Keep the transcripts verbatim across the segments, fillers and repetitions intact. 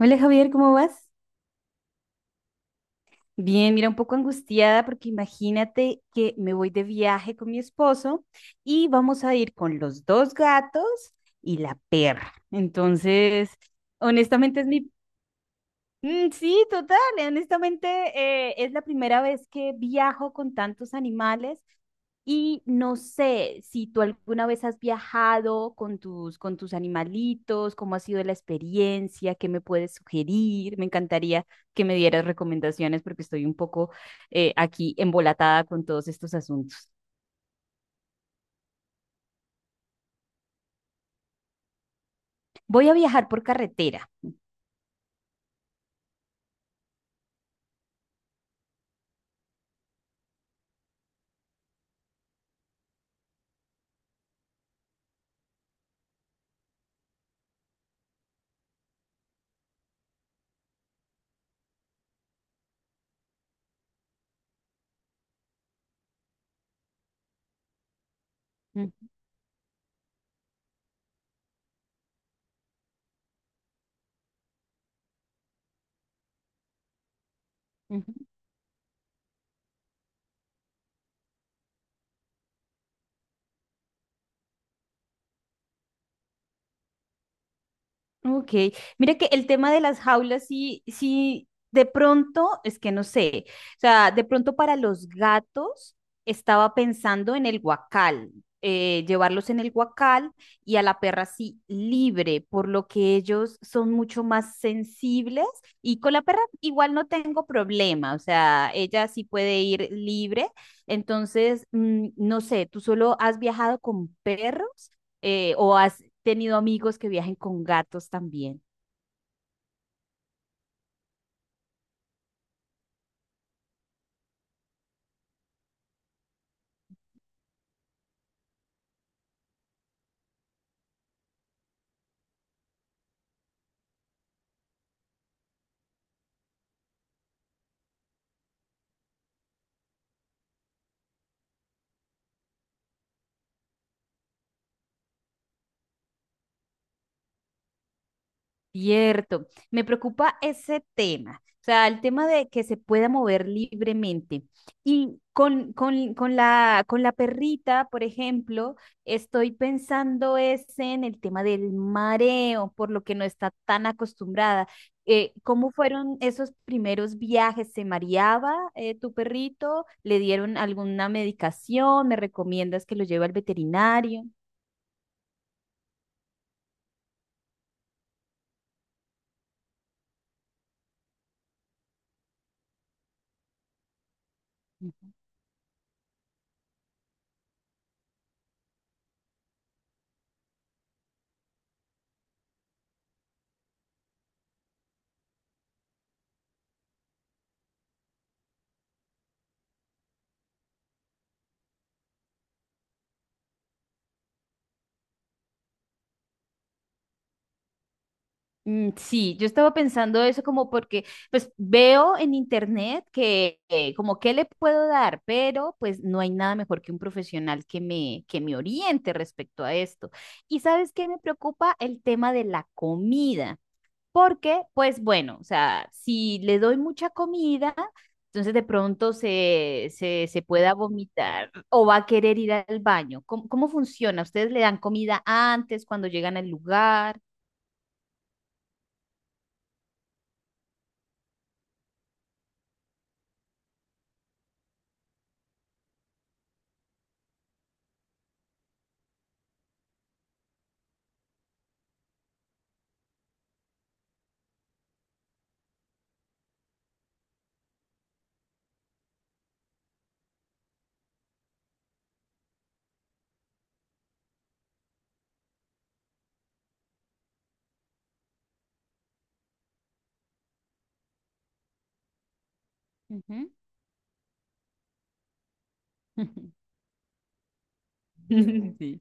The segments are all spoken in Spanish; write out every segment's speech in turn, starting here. Hola Javier, ¿cómo vas? Bien, mira, un poco angustiada porque imagínate que me voy de viaje con mi esposo y vamos a ir con los dos gatos y la perra. Entonces, honestamente es mi... Mm, sí, total. Y honestamente, eh, es la primera vez que viajo con tantos animales y no sé si tú alguna vez has viajado con tus, con tus animalitos, cómo ha sido la experiencia, qué me puedes sugerir. Me encantaría que me dieras recomendaciones porque estoy un poco eh, aquí embolatada con todos estos asuntos. Voy a viajar por carretera. Mm, ujú. Ok, mira que el tema de las jaulas sí, sí, de pronto, es que no sé, o sea, de pronto para los gatos estaba pensando en el guacal, eh, llevarlos en el guacal y a la perra sí libre, por lo que ellos son mucho más sensibles y con la perra igual no tengo problema, o sea, ella sí puede ir libre. Entonces, mm, no sé, ¿tú solo has viajado con perros? Eh, ¿o has tenido amigos que viajen con gatos también? Cierto, me preocupa ese tema, o sea, el tema de que se pueda mover libremente. Y con, con, con la, con la perrita, por ejemplo, estoy pensando es en el tema del mareo, por lo que no está tan acostumbrada. Eh, ¿cómo fueron esos primeros viajes? ¿Se mareaba, eh, tu perrito? ¿Le dieron alguna medicación? ¿Me recomiendas que lo lleve al veterinario? Mm, sí, yo estaba pensando eso, como porque pues veo en internet que, eh, como qué le puedo dar, pero pues no hay nada mejor que un profesional que me que me oriente respecto a esto. Y ¿sabes qué me preocupa? El tema de la comida, porque pues bueno, o sea, si le doy mucha comida, entonces de pronto se se se pueda vomitar o va a querer ir al baño. ¿Cómo, cómo funciona? ¿Ustedes le dan comida antes cuando llegan al lugar? Ujú. Sí.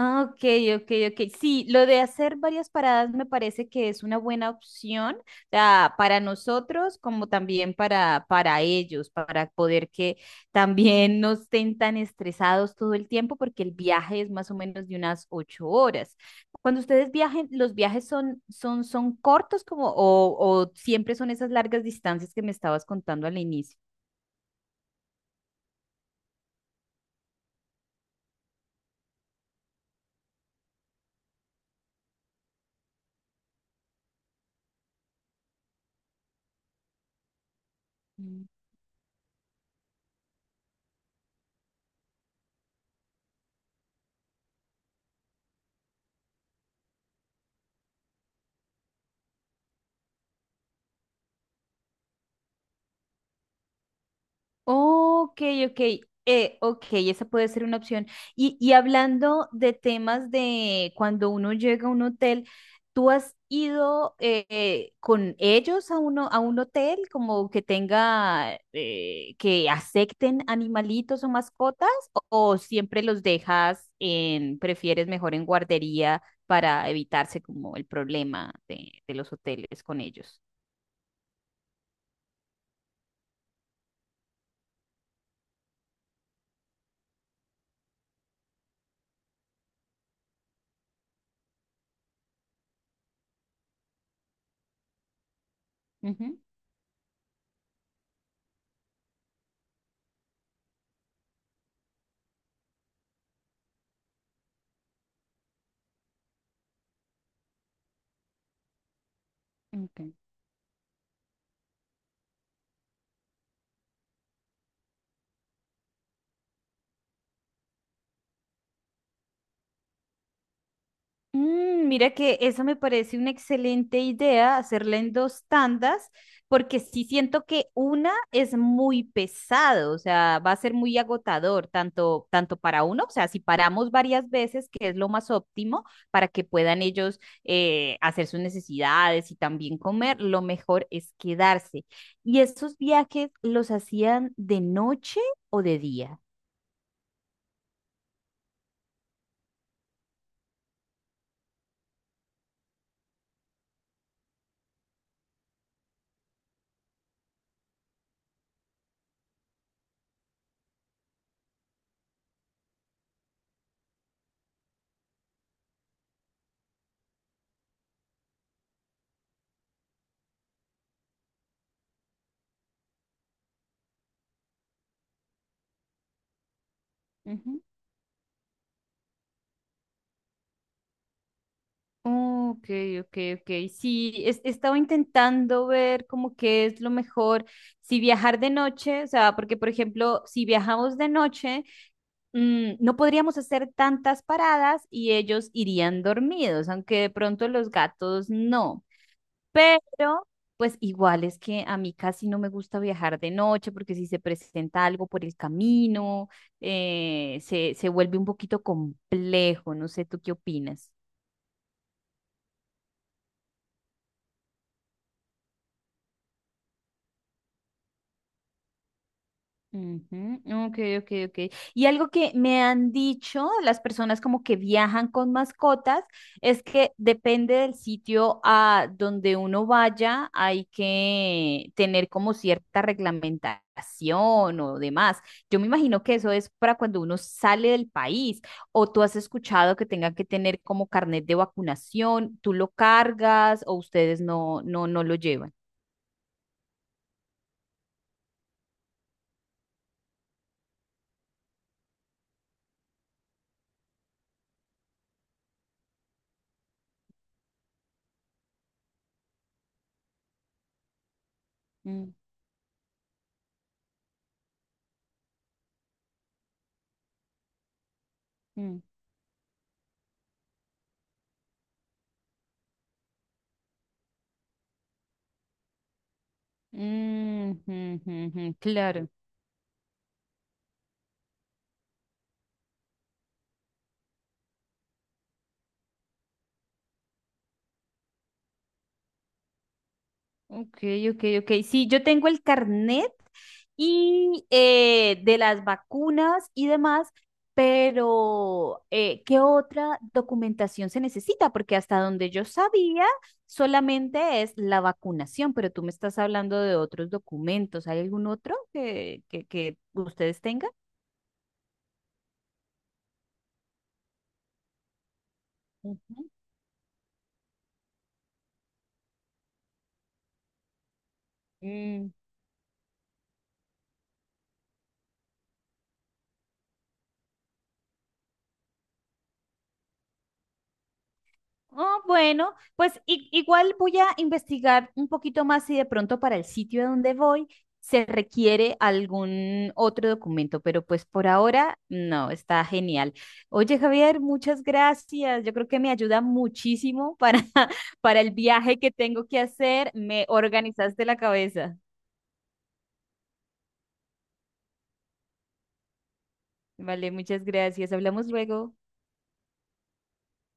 Ah, ok, ok, ok. Sí, lo de hacer varias paradas me parece que es una buena opción, o sea, para nosotros como también para, para ellos, para poder que también no estén tan estresados todo el tiempo, porque el viaje es más o menos de unas ocho horas. Cuando ustedes viajen, ¿los viajes son, son, son cortos como, o, o siempre son esas largas distancias que me estabas contando al inicio? Ok, ok, eh, ok, esa puede ser una opción. Y, y hablando de temas de cuando uno llega a un hotel, ¿tú has ido, eh, eh, con ellos a uno, a un hotel como que tenga, eh, que acepten animalitos o mascotas? ¿O, o siempre los dejas en, prefieres mejor en guardería para evitarse como el problema de, de los hoteles con ellos? Ujú, ok. Mm, mira que eso me parece una excelente idea, hacerla en dos tandas, porque sí siento que una es muy pesado, o sea, va a ser muy agotador, tanto, tanto para uno, o sea, si paramos varias veces, que es lo más óptimo para que puedan ellos, eh, hacer sus necesidades y también comer, lo mejor es quedarse. ¿Y estos viajes los hacían de noche o de día? Ok, ok, ok. Sí, es- estaba intentando ver como qué es lo mejor, si viajar de noche, o sea, porque por ejemplo, si viajamos de noche, mm, no podríamos hacer tantas paradas y ellos irían dormidos, aunque de pronto los gatos no. Pero, pues igual es que a mí casi no me gusta viajar de noche porque si se presenta algo por el camino, eh, se, se vuelve un poquito complejo, no sé, ¿tú qué opinas? Ujú, ok, ok, ok. Y algo que me han dicho las personas como que viajan con mascotas es que depende del sitio a donde uno vaya, hay que tener como cierta reglamentación o demás. Yo me imagino que eso es para cuando uno sale del país, o tú has escuchado que tenga que tener como carnet de vacunación, tú lo cargas, o ustedes no, no, no lo llevan. Mm, mm. Mm, ujú, ujú, claro. Ok, ok, ok. Sí, yo tengo el carnet y, eh, de las vacunas y demás, pero, eh, ¿qué otra documentación se necesita? Porque hasta donde yo sabía, solamente es la vacunación, pero tú me estás hablando de otros documentos. ¿Hay algún otro que, que, que ustedes tengan? Ujú. Oh, bueno, pues i- igual voy a investigar un poquito más si de pronto para el sitio a donde voy se requiere algún otro documento, pero pues por ahora no, está genial. Oye, Javier, muchas gracias. Yo creo que me ayuda muchísimo para, para el viaje que tengo que hacer. Me organizaste la cabeza. Vale, muchas gracias. Hablamos luego.